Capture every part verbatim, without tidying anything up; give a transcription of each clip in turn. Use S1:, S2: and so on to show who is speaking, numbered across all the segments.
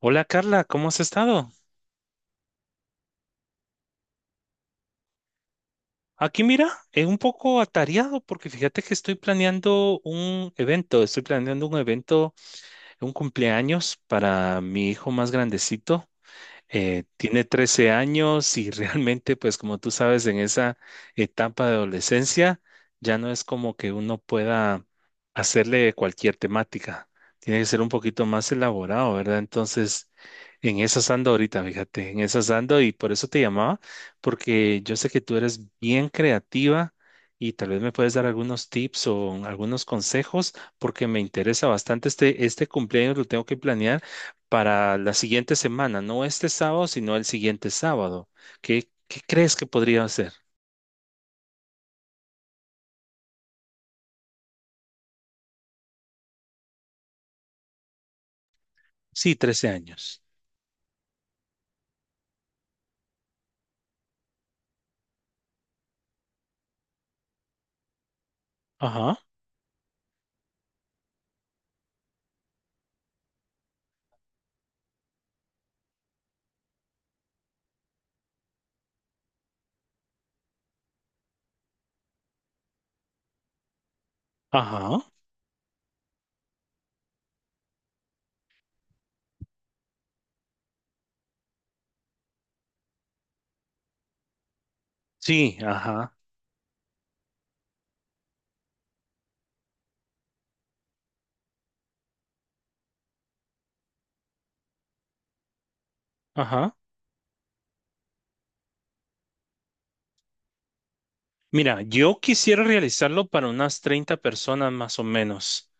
S1: Hola Carla, ¿cómo has estado? Aquí mira, es un poco atareado porque fíjate que estoy planeando un evento, estoy planeando un evento, un cumpleaños para mi hijo más grandecito. Eh, tiene trece años y realmente, pues como tú sabes, en esa etapa de adolescencia ya no es como que uno pueda hacerle cualquier temática. Tiene que ser un poquito más elaborado, ¿verdad? Entonces, en esas ando ahorita, fíjate, en esas ando y por eso te llamaba, porque yo sé que tú eres bien creativa y tal vez me puedes dar algunos tips o algunos consejos, porque me interesa bastante este, este cumpleaños, lo tengo que planear para la siguiente semana, no este sábado, sino el siguiente sábado. ¿Qué, qué crees que podría hacer? Sí, trece años. Ajá, ajá, sí, ajá, ajá. Mira, yo quisiera realizarlo para unas treinta personas más o menos.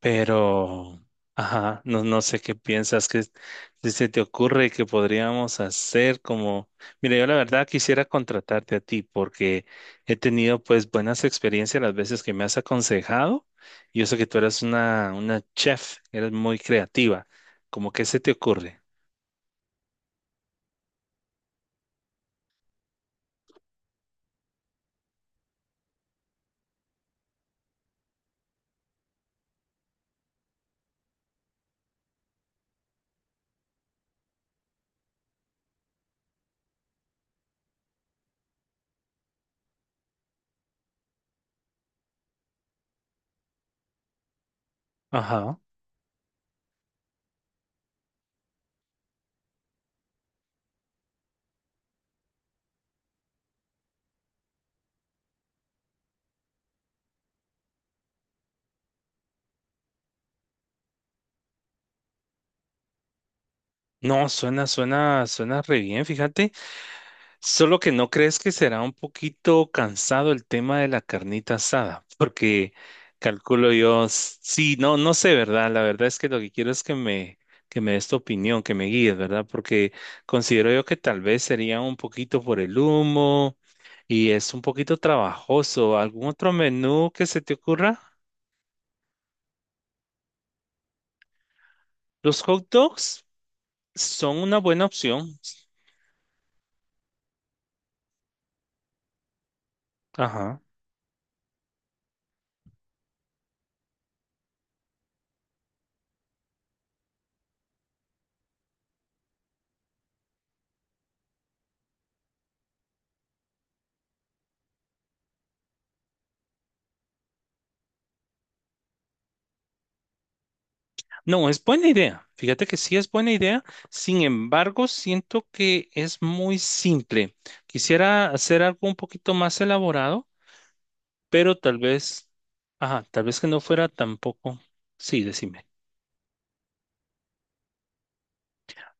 S1: Pero, ajá, no, no sé qué piensas que si se te ocurre que podríamos hacer como, mira, yo la verdad quisiera contratarte a ti porque he tenido pues buenas experiencias las veces que me has aconsejado. Yo sé que tú eres una, una chef, eres muy creativa. ¿Cómo que se te ocurre? Ajá. No, suena, suena, suena re bien, fíjate. Solo que no crees que será un poquito cansado el tema de la carnita asada, porque calculo yo, s- sí, no, no sé, ¿verdad? La verdad es que lo que quiero es que me, que me des tu opinión, que me guíes, ¿verdad? Porque considero yo que tal vez sería un poquito por el humo y es un poquito trabajoso. ¿Algún otro menú que se te ocurra? Los hot dogs son una buena opción. Ajá. No, es buena idea. Fíjate que sí es buena idea. Sin embargo, siento que es muy simple. Quisiera hacer algo un poquito más elaborado, pero tal vez, ajá, tal vez que no fuera tampoco. Sí, decime.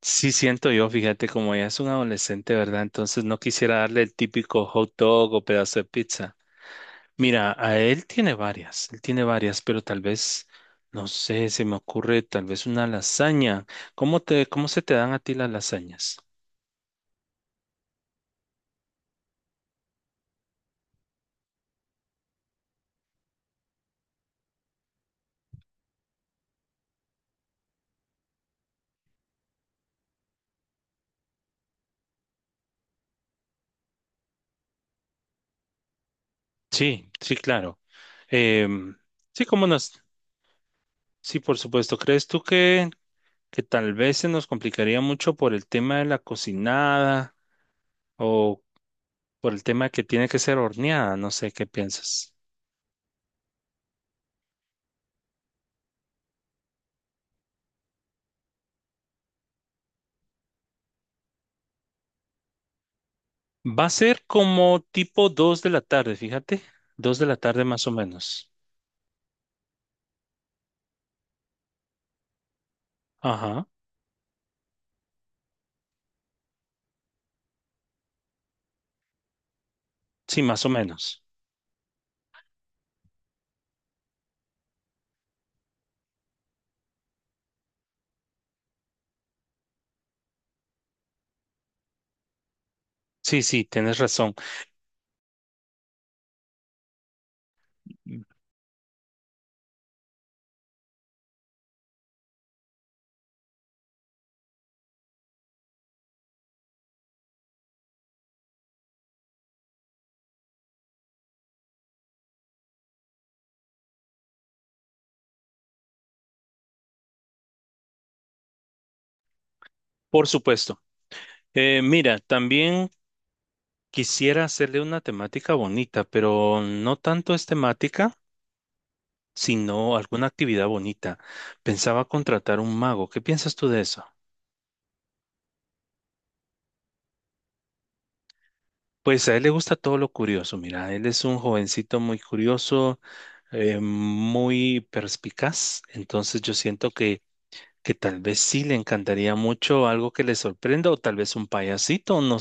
S1: Sí, siento yo, fíjate, como ella es un adolescente, ¿verdad? Entonces no quisiera darle el típico hot dog o pedazo de pizza. Mira, a él tiene varias, él tiene varias, pero tal vez, no sé, se me ocurre tal vez una lasaña. ¿Cómo te, Cómo se te dan a ti las lasañas? Sí, sí, claro. Em, sí, cómo nos, sí, por supuesto. ¿Crees tú que, que tal vez se nos complicaría mucho por el tema de la cocinada o por el tema que tiene que ser horneada? No sé, ¿qué piensas? Va a ser como tipo dos de la tarde, fíjate. Dos de la tarde más o menos. Ajá, sí, más o menos. Sí, sí, tienes razón. Por supuesto. Eh, mira, también quisiera hacerle una temática bonita, pero no tanto es temática sino alguna actividad bonita. Pensaba contratar un mago. ¿Qué piensas tú de eso? Pues a él le gusta todo lo curioso. Mira, él es un jovencito muy curioso, eh, muy perspicaz. Entonces yo siento que, que tal vez sí le encantaría mucho algo que le sorprenda o tal vez un payasito. No,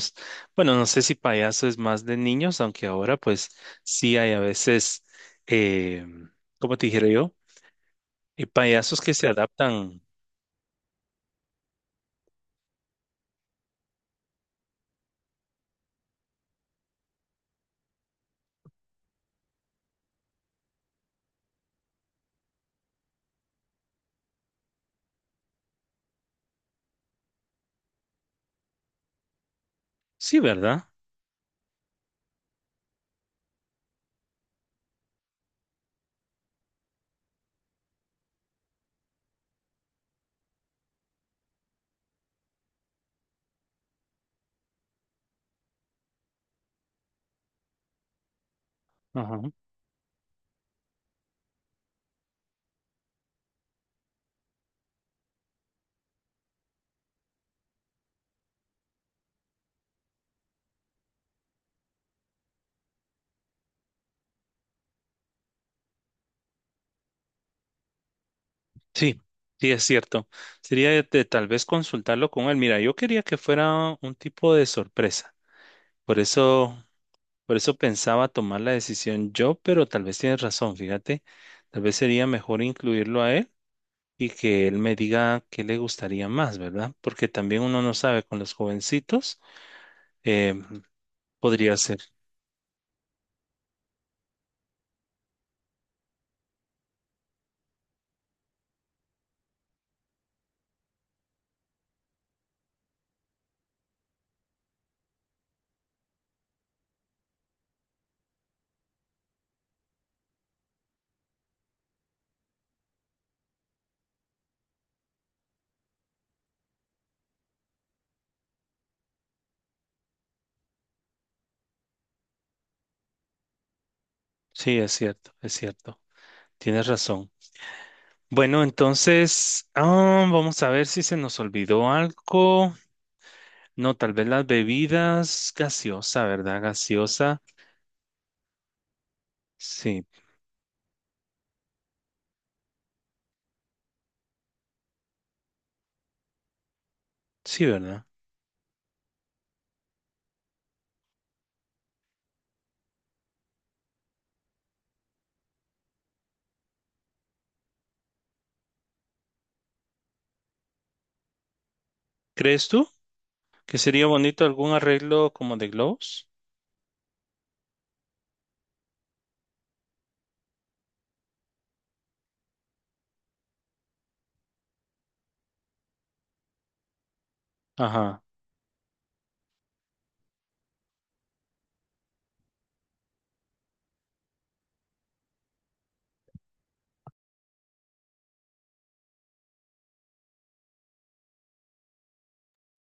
S1: bueno, no sé si payaso es más de niños, aunque ahora pues sí hay a veces, eh, ¿cómo te dijera yo? Eh, payasos que se adaptan. Sí, ¿verdad? Ajá. Sí, sí, es cierto. Sería de, de tal vez consultarlo con él. Mira, yo quería que fuera un tipo de sorpresa. Por eso, por eso pensaba tomar la decisión yo, pero tal vez tienes razón, fíjate. Tal vez sería mejor incluirlo a él y que él me diga qué le gustaría más, ¿verdad? Porque también uno no sabe con los jovencitos. eh, Podría ser. Sí, es cierto, es cierto. Tienes razón. Bueno, entonces, ah, vamos a ver si se nos olvidó algo. No, tal vez las bebidas gaseosa, ¿verdad? Gaseosa. Sí, sí, ¿verdad? ¿Crees tú que sería bonito algún arreglo como de globos? Ajá,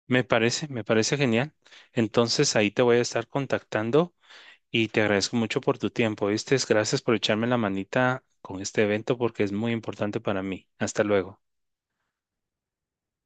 S1: me parece, me parece genial. Entonces ahí te voy a estar contactando y te agradezco mucho por tu tiempo, ¿viste? Gracias por echarme la manita con este evento porque es muy importante para mí. Hasta luego.